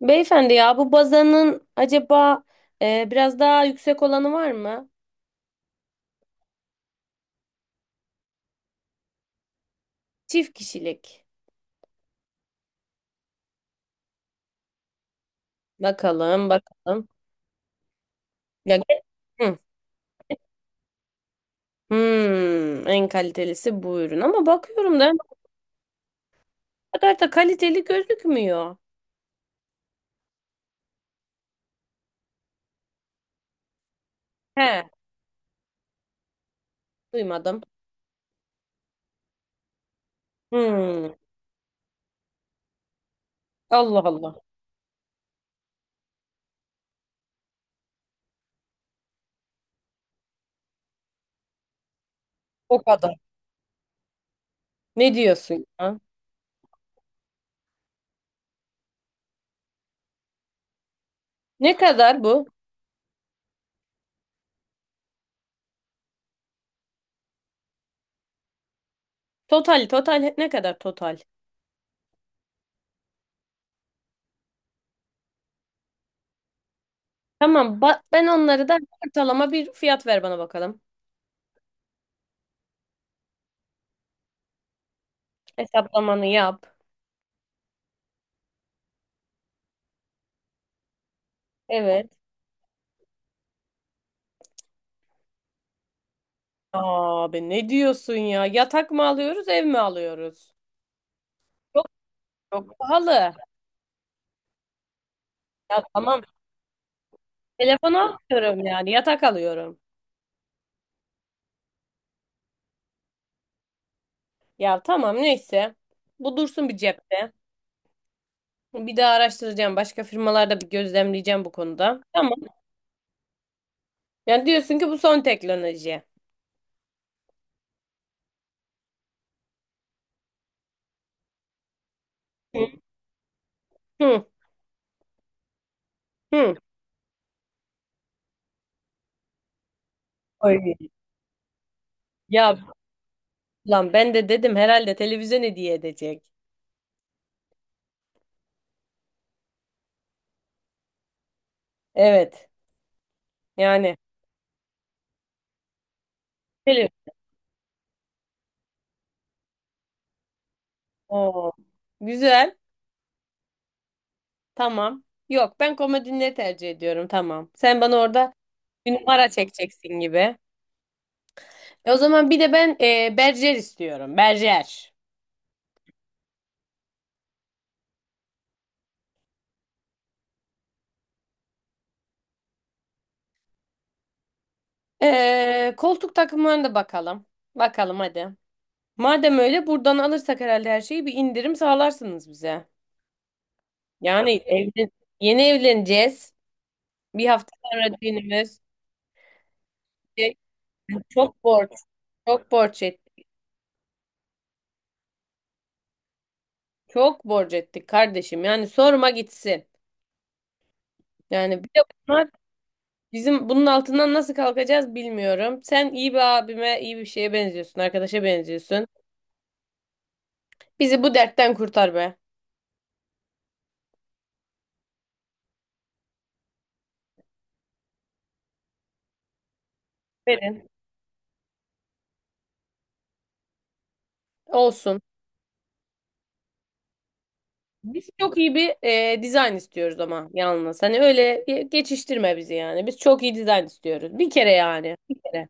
Beyefendi ya bu bazanın acaba biraz daha yüksek olanı var mı? Çift kişilik. Bakalım bakalım. Ya, hı, en kalitelisi bu ürün ama bakıyorum da o kadar da kaliteli gözükmüyor. He, duymadım. Hmm, Allah Allah. O kadar. Ne diyorsun ya? Ne kadar bu? Total total ne kadar total? Tamam, ben onları da, ortalama bir fiyat ver bana bakalım. Hesaplamanı yap. Evet. Abi ne diyorsun ya? Yatak mı alıyoruz, ev mi alıyoruz? Çok çok pahalı. Ya tamam. Telefon almıyorum yani. Yatak alıyorum. Ya tamam neyse. Bu dursun bir cepte. Bir daha araştıracağım. Başka firmalarda bir gözlemleyeceğim bu konuda. Tamam. Yani diyorsun ki bu son teknoloji. Hı hı. Hı. Oy. Ya lan ben de dedim herhalde televizyon hediye edecek. Evet. Yani. Televizyon. Oo. Güzel. Tamam. Yok, ben komodinleri tercih ediyorum, tamam. Sen bana orada bir numara çekeceksin gibi. O zaman bir de ben berjer istiyorum. Berjer. Koltuk takımlarına da bakalım. Bakalım hadi. Madem öyle buradan alırsak herhalde her şeyi bir indirim sağlarsınız bize. Yani evlen Yeni evleneceğiz. Bir hafta sonra düğünümüz. E, Çok borç. Çok borç ettik. Çok borç ettik kardeşim. Yani sorma gitsin. Yani bir de bunlar. Bizim bunun altından nasıl kalkacağız bilmiyorum. Sen iyi bir abime, iyi bir şeye benziyorsun, arkadaşa benziyorsun. Bizi bu dertten kurtar be. Verin. Olsun. Biz çok iyi bir dizayn istiyoruz ama yalnız. Hani öyle geçiştirme bizi yani. Biz çok iyi dizayn istiyoruz. Bir kere yani. Bir kere.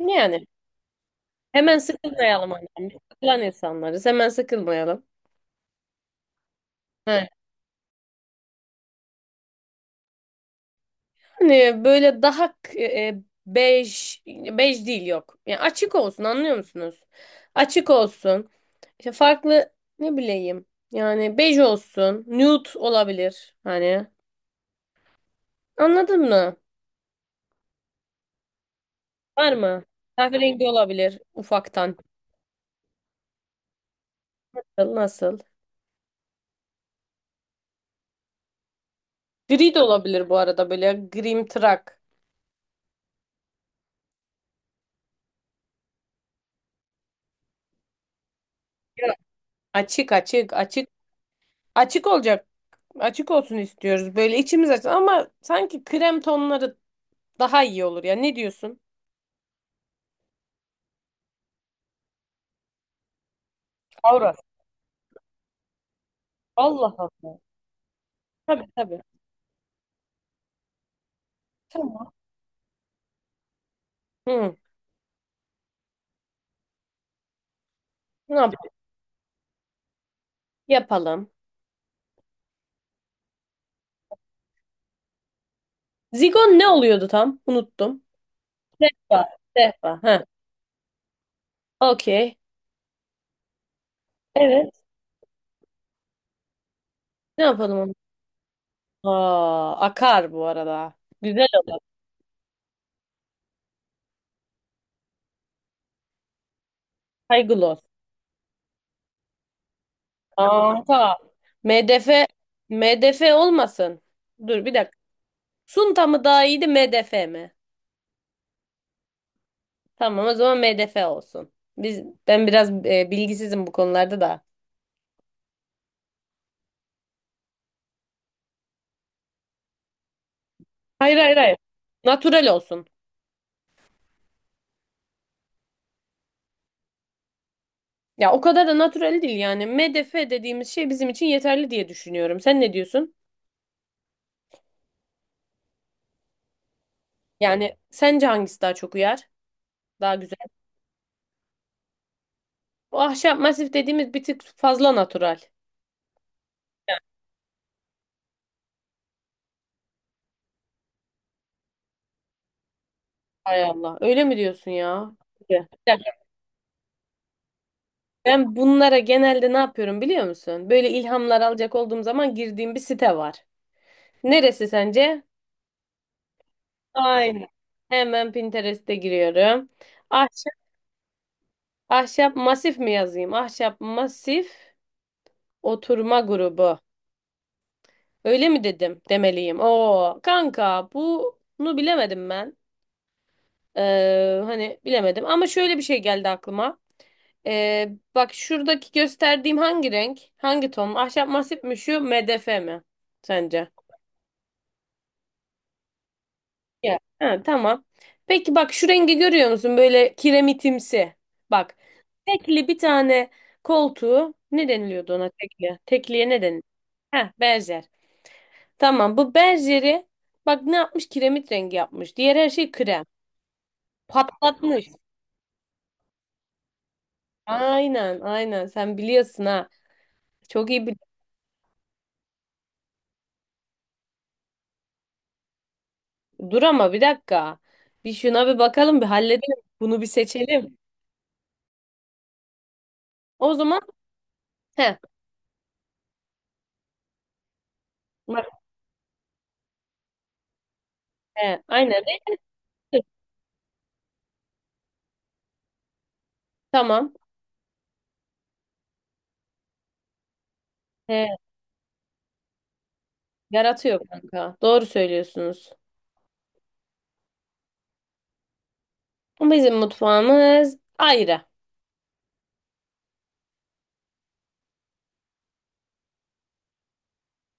Yani. Hemen sıkılmayalım annem. Biz sıkılan insanlarız. Hemen sıkılmayalım. He. Yani böyle daha bej, bej değil, yok. Yani açık olsun, anlıyor musunuz? Açık olsun. İşte farklı, ne bileyim. Yani bej olsun. Nude olabilir. Hani anladın mı? Var mı? Kahverengi olabilir ufaktan. Nasıl? Gri de olabilir bu arada, böyle grimtırak. Ya, açık açık açık. Açık olacak. Açık olsun istiyoruz. Böyle içimiz açsın, ama sanki krem tonları daha iyi olur ya. Ne diyorsun? Aura. Allah Allah. Tabii tabii. Tamam. Hı, ne yap- yapalım? Zigon ne oluyordu tam? Unuttum. Sehpa. Sehpa. Ha, okey. Evet. Ne yapalım onu? Aa, akar bu arada. Güzel olur. Kaygılos. Kanka. MDF MDF olmasın. Dur bir dakika. Sunta mı daha iyiydi, MDF mi? Tamam, o zaman MDF olsun. Biz ben biraz bilgisizim bu konularda da. Hayır hayır hayır. Natural olsun. Ya o kadar da natural değil yani. MDF dediğimiz şey bizim için yeterli diye düşünüyorum. Sen ne diyorsun? Yani sence hangisi daha çok uyar? Daha güzel. Bu ahşap masif dediğimiz bir tık fazla natural. Hay Allah. Öyle mi diyorsun ya? Bir dakika. Ben bunlara genelde ne yapıyorum biliyor musun? Böyle ilhamlar alacak olduğum zaman girdiğim bir site var. Neresi sence? Aynen. Hemen Pinterest'e giriyorum. Ahşap, ahşap masif mi yazayım? Ahşap masif oturma grubu. Öyle mi dedim, demeliyim. Oo kanka, bunu bilemedim ben. Hani bilemedim ama şöyle bir şey geldi aklıma. Bak şuradaki gösterdiğim hangi renk? Hangi ton? Ahşap masif mi şu MDF mi sence? Ya. Ha, tamam. Peki bak şu rengi görüyor musun? Böyle kiremitimsi. Bak, tekli bir tane koltuğu ne deniliyordu, ona tekli? Tekliye ne deniliyor? Heh, benzer. Tamam, bu berjeri bak ne yapmış, kiremit rengi yapmış. Diğer her şey krem. Patlatmış. Aynen aynen, sen biliyorsun ha. Çok iyi biliyorsun. Dur ama bir dakika. Bir şuna bir bakalım, bir halledelim. Bunu bir seçelim. O zaman he, bak, he aynen renk, tamam. He, yaratıyor kanka. Doğru söylüyorsunuz. Bizim mutfağımız ayrı.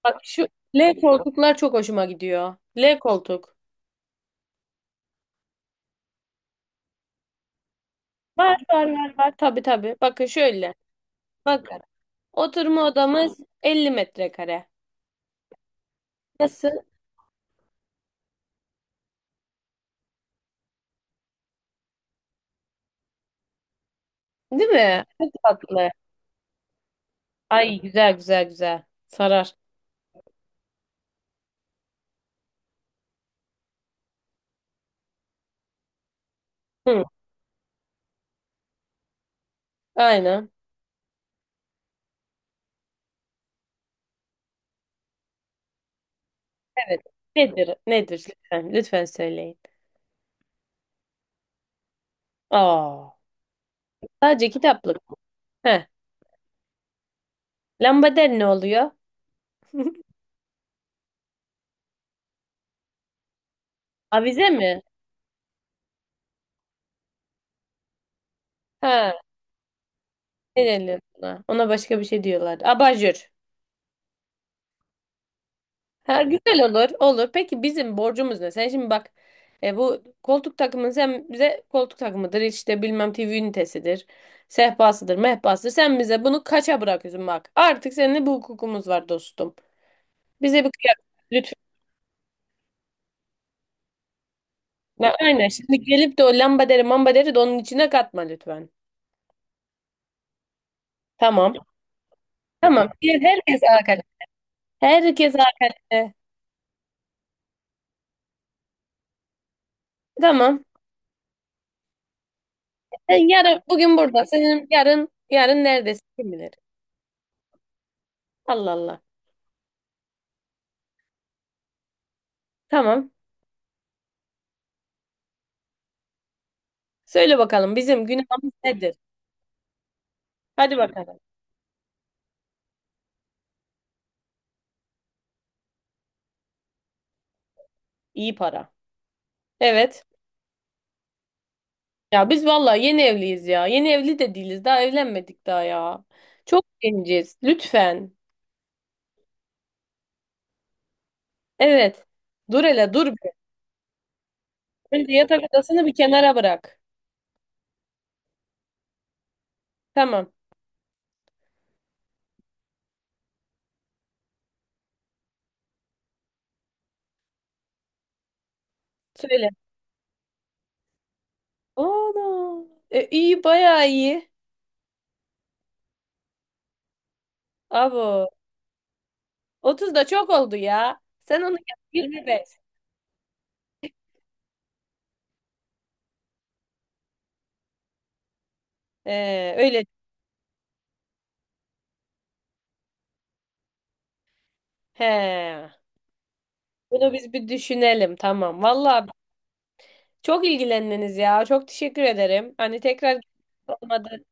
Bak şu L koltuklar çok hoşuma gidiyor. L koltuk. Var var var var. Tabii tabii. Bakın şöyle. Bakın. Oturma odamız 50 metrekare. Nasıl? Değil mi? Çok tatlı. Ay, güzel güzel güzel. Sarar. Hı, aynen. Evet. Nedir? Nedir? Lütfen, lütfen söyleyin. Aa, sadece kitaplık. Heh. Lambader ne oluyor? Avize mi? Ha, ne deniyor ona? Ona başka bir şey diyorlar. Abajur. Ha, güzel olur, olur. Peki bizim borcumuz ne? Sen şimdi bak, bu koltuk takımını, sen bize koltuk takımıdır, işte bilmem TV ünitesidir, sehpasıdır, mehpasıdır. Sen bize bunu kaça bırakıyorsun bak. Artık seninle bu hukukumuz var dostum. Bize bir kıyak lütfen. Ya, aynen. Şimdi gelip de o lambaderi mambaderi de onun içine katma lütfen. Tamam. Tamam. Diğer herkes arkadaş. Herkes arkadaş. Tamam. Sen yarın bugün burada. Senin yarın yarın neredesin kim bilir. Allah Allah. Tamam. Söyle bakalım bizim günahımız nedir? Hadi bakalım. İyi para. Evet. Ya biz vallahi yeni evliyiz ya. Yeni evli de değiliz. Daha evlenmedik daha ya. Çok genciz. Lütfen. Evet. Dur hele, dur bir. Önce yatak odasını bir kenara bırak. Tamam. Söyle. Ana. E, iyi, bayağı iyi. Abo. 30 da çok oldu ya. Sen onu yap. 25. Öyle. He. Bunu biz bir düşünelim. Tamam. Vallahi, çok ilgilendiniz ya. Çok teşekkür ederim. Hani tekrar olmadı.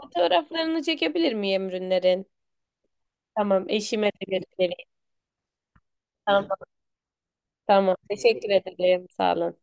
Fotoğraflarını çekebilir miyim ürünlerin? Tamam, eşime de göstereyim. Tamam, tamam. Teşekkür ederim. Sağ olun.